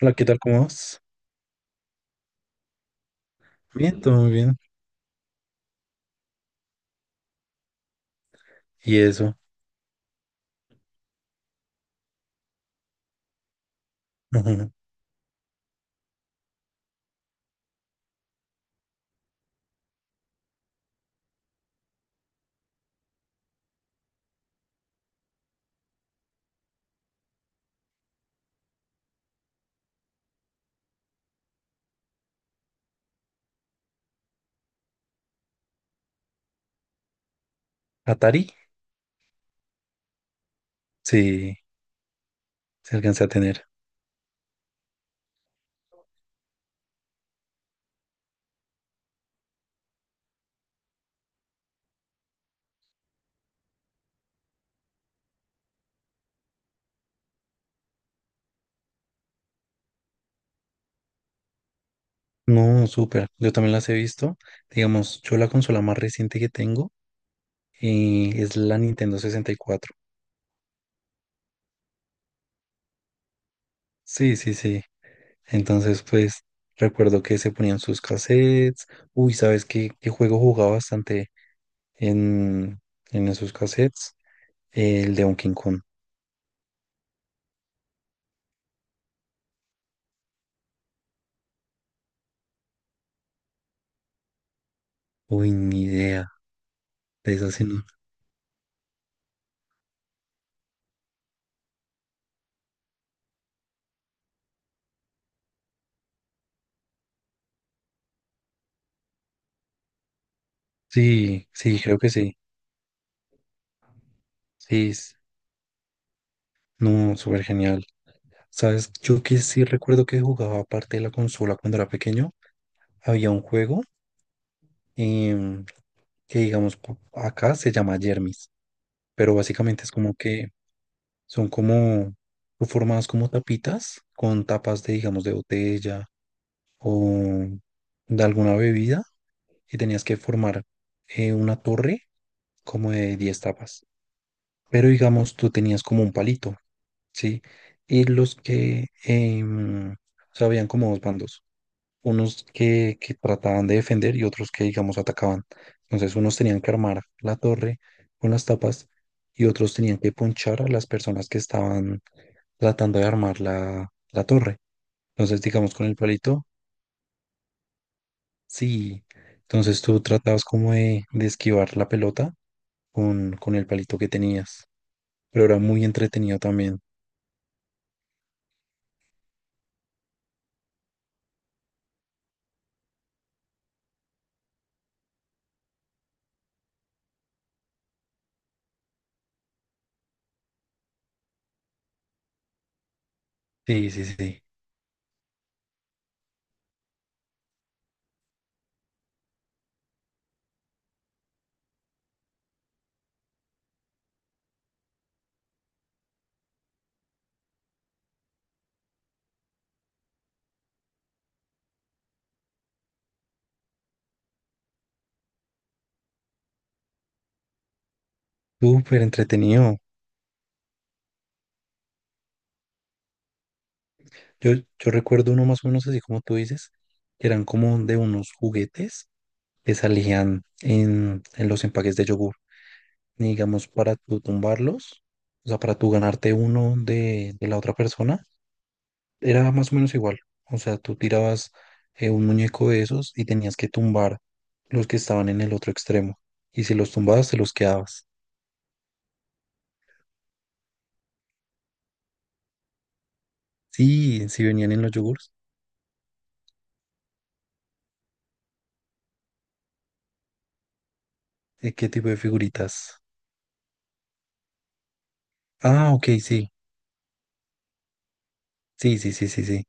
Hola, ¿qué tal? ¿Cómo vas? Bien, todo muy bien. ¿Y eso? Ujú. ¿Atari? Sí, se alcanza a tener. No, súper. Yo también las he visto. Digamos, yo la consola más reciente que tengo es la Nintendo 64. Sí, sí, sí. Entonces, pues, recuerdo que se ponían sus cassettes. Uy, ¿sabes qué juego jugaba bastante en, en esos cassettes? El de Donkey Kong. Uy, ni idea. De eso sí no. Sí, sí, creo que sí. Sí, no, súper genial. ¿Sabes? Yo que sí recuerdo que jugaba parte de la consola cuando era pequeño. Había un juego em, que, digamos, acá se llama Yermis, pero básicamente es como que son como formadas como tapitas con tapas de, digamos, de botella o de alguna bebida y tenías que formar una torre como de 10 tapas. Pero, digamos, tú tenías como un palito, ¿sí? Y los que, o sea, habían como dos bandos unos que trataban de defender y otros que, digamos, atacaban. Entonces, unos tenían que armar la torre con las tapas y otros tenían que ponchar a las personas que estaban tratando de armar la torre. Entonces, digamos, con el palito, sí. Entonces, tú tratabas como de esquivar la pelota con el palito que tenías. Pero era muy entretenido también. Sí, sí, sí. Súper entretenido. Yo, yo recuerdo uno más o menos así como tú dices, que eran como de unos juguetes que salían en los empaques de yogur. Y digamos, para tú tumbarlos, o sea, para tú ganarte uno de la otra persona, era más o menos igual. O sea, tú tirabas un muñeco de esos y tenías que tumbar los que estaban en el otro extremo. Y si los tumbabas, te los quedabas. Sí, si venían en los yogures. ¿De qué tipo de figuritas? Ah, ok, sí. Sí, sí, sí, sí, sí.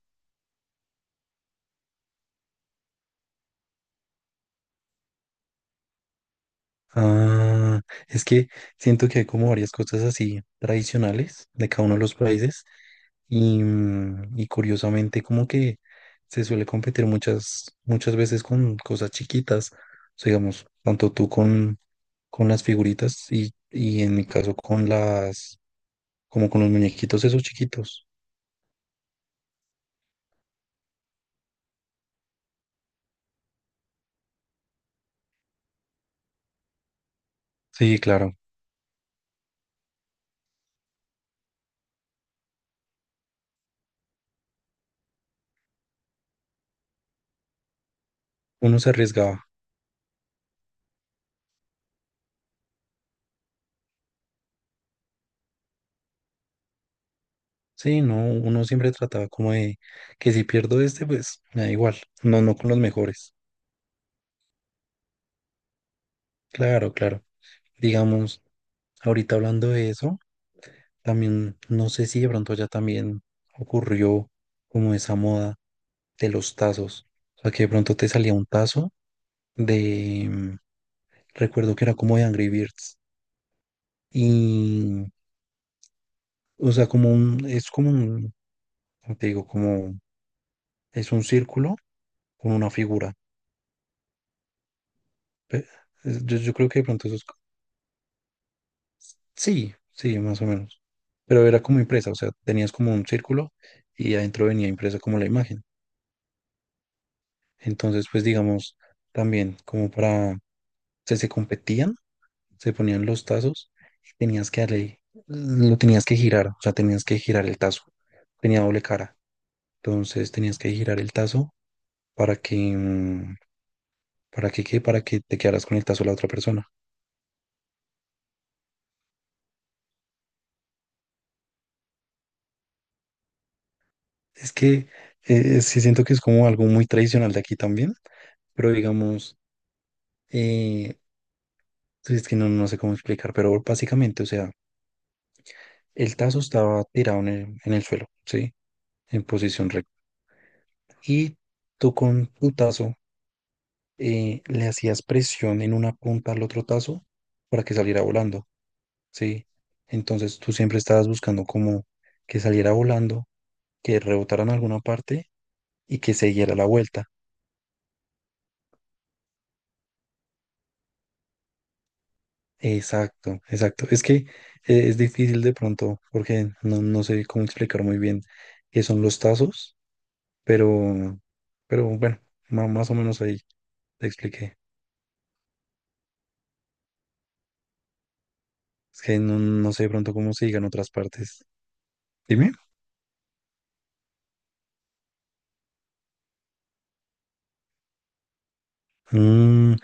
Ah, es que siento que hay como varias cosas así tradicionales de cada uno de los países y curiosamente como que se suele competir muchas, muchas veces con cosas chiquitas, o sea, digamos, tanto tú con las figuritas y en mi caso como con los muñequitos esos chiquitos. Sí, claro, uno se arriesgaba. Sí, no, uno siempre trataba como de que si pierdo este, pues me da igual, no, no con los mejores. Claro, claro. Digamos, ahorita hablando de eso, también no sé si de pronto ya también ocurrió como esa moda de los tazos. O sea, que de pronto te salía un tazo de, mm, recuerdo que era como de Angry Birds. Y, o sea, como un, es como un, ¿cómo te digo? Como, es un círculo con una figura. Pe- yo creo que de pronto eso es. Sí, sí, más o menos. Pero era como impresa, o sea, tenías como un círculo y adentro venía impresa como la imagen. Entonces, pues digamos, también como se competían, se ponían los tazos y tenías que darle, lo tenías que girar, o sea, tenías que girar el tazo. Tenía doble cara. Entonces tenías que girar el tazo para que, mm, para que, ¿qué? Para que te quedaras con el tazo de la otra persona. Es que sí siento que es como algo muy tradicional de aquí también, pero digamos, eh, pues, es que no, sé cómo explicar, pero básicamente, o sea, el tazo estaba tirado en el suelo, ¿sí? En posición recta y tú con tu tazo le hacías presión en una punta al otro tazo para que saliera volando, ¿sí? Entonces tú siempre estabas buscando como que saliera volando, que rebotara en alguna parte y que se diera la vuelta. Exacto, exacto. Es que es difícil de pronto porque no, sé cómo explicar muy bien qué son los tazos, pero, pero bueno, más o menos ahí te expliqué. Es que no, no, sé de pronto cómo se digan otras partes. Dime. Mm,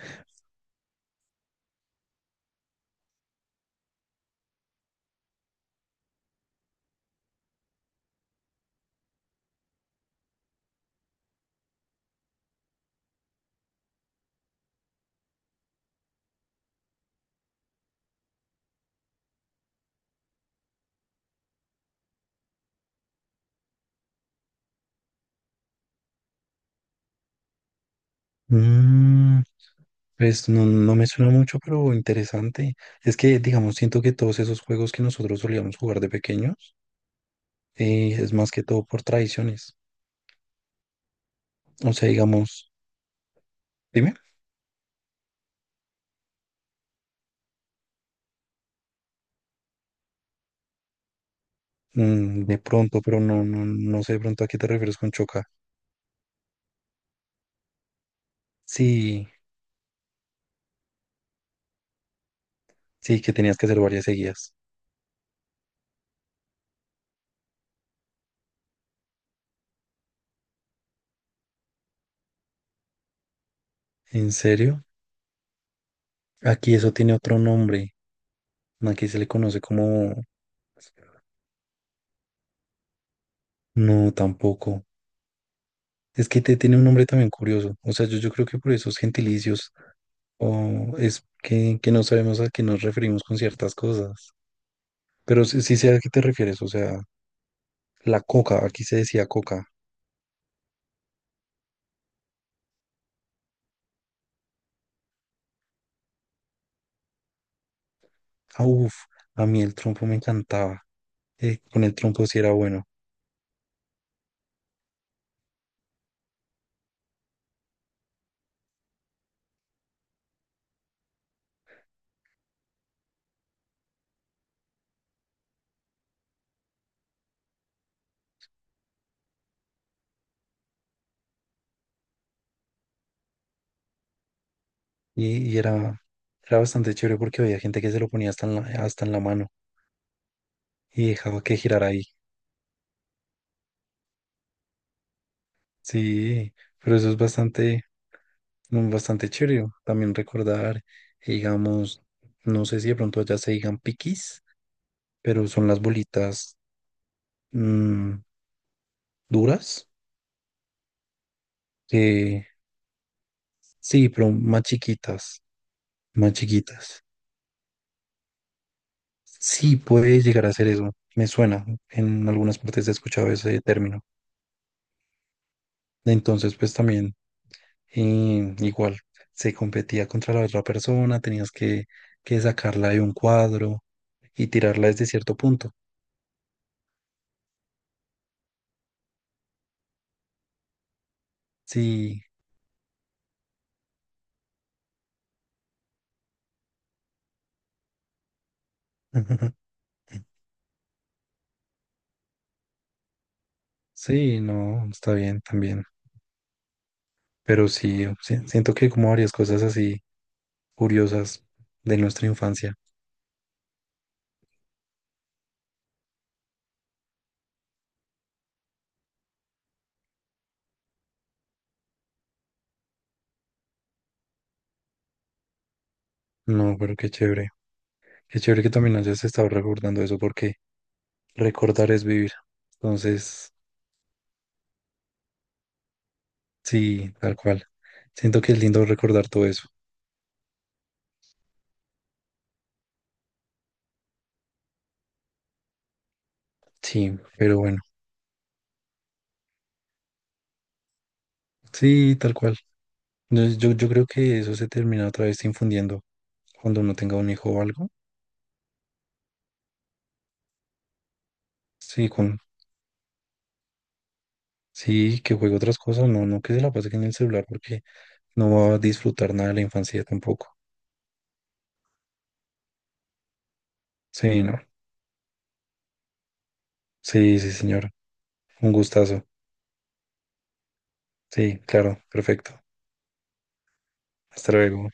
mm, pues no me suena mucho, pero interesante. Es que, digamos, siento que todos esos juegos que nosotros solíamos jugar de pequeños, es más que todo por tradiciones. O sea, digamos, dime, de pronto, pero no sé de pronto a qué te refieres con choca. Sí, sí, que tenías que hacer varias seguidas. ¿En serio? Aquí eso tiene otro nombre. Aquí se le conoce como. No, tampoco. Es que te tiene un nombre también curioso. O sea, yo creo que por esos gentilicios o es que no sabemos a qué nos referimos con ciertas cosas. Pero sí, sí sé a qué te refieres, o sea, la coca, aquí se decía coca. Ah, uf, a mí el trompo me encantaba. Con el trompo sí era bueno. Y era bastante chévere porque había gente que se lo ponía hasta en la mano y dejaba que girara ahí. Sí, pero eso es bastante, bastante chévere. También recordar, digamos, no sé si de pronto allá se digan piquis, pero son las bolitas mm, duras. Eh, sí, pero más chiquitas, más chiquitas. Sí, puede llegar a ser eso. Me suena. En algunas partes he escuchado ese término. Entonces, pues también, igual, se competía contra la otra persona, tenías que, sacarla de un cuadro y tirarla desde cierto punto. Sí, sí, no, está bien también. Pero sí, sí, siento que hay como varias cosas así curiosas de nuestra infancia. No, pero qué chévere. Qué chévere que también hayas estado recordando eso porque recordar es vivir. Entonces, sí, tal cual. Siento que es lindo recordar todo eso. Sí, pero bueno, sí, tal cual. Yo creo que eso se termina otra vez infundiendo cuando uno tenga un hijo o algo. Sí, sí, que juegue otras cosas, no, que se la pase en el celular porque no va a disfrutar nada de la infancia tampoco. Sí, no. Sí, sí, señor. Un gustazo. Sí, claro, perfecto. Hasta luego.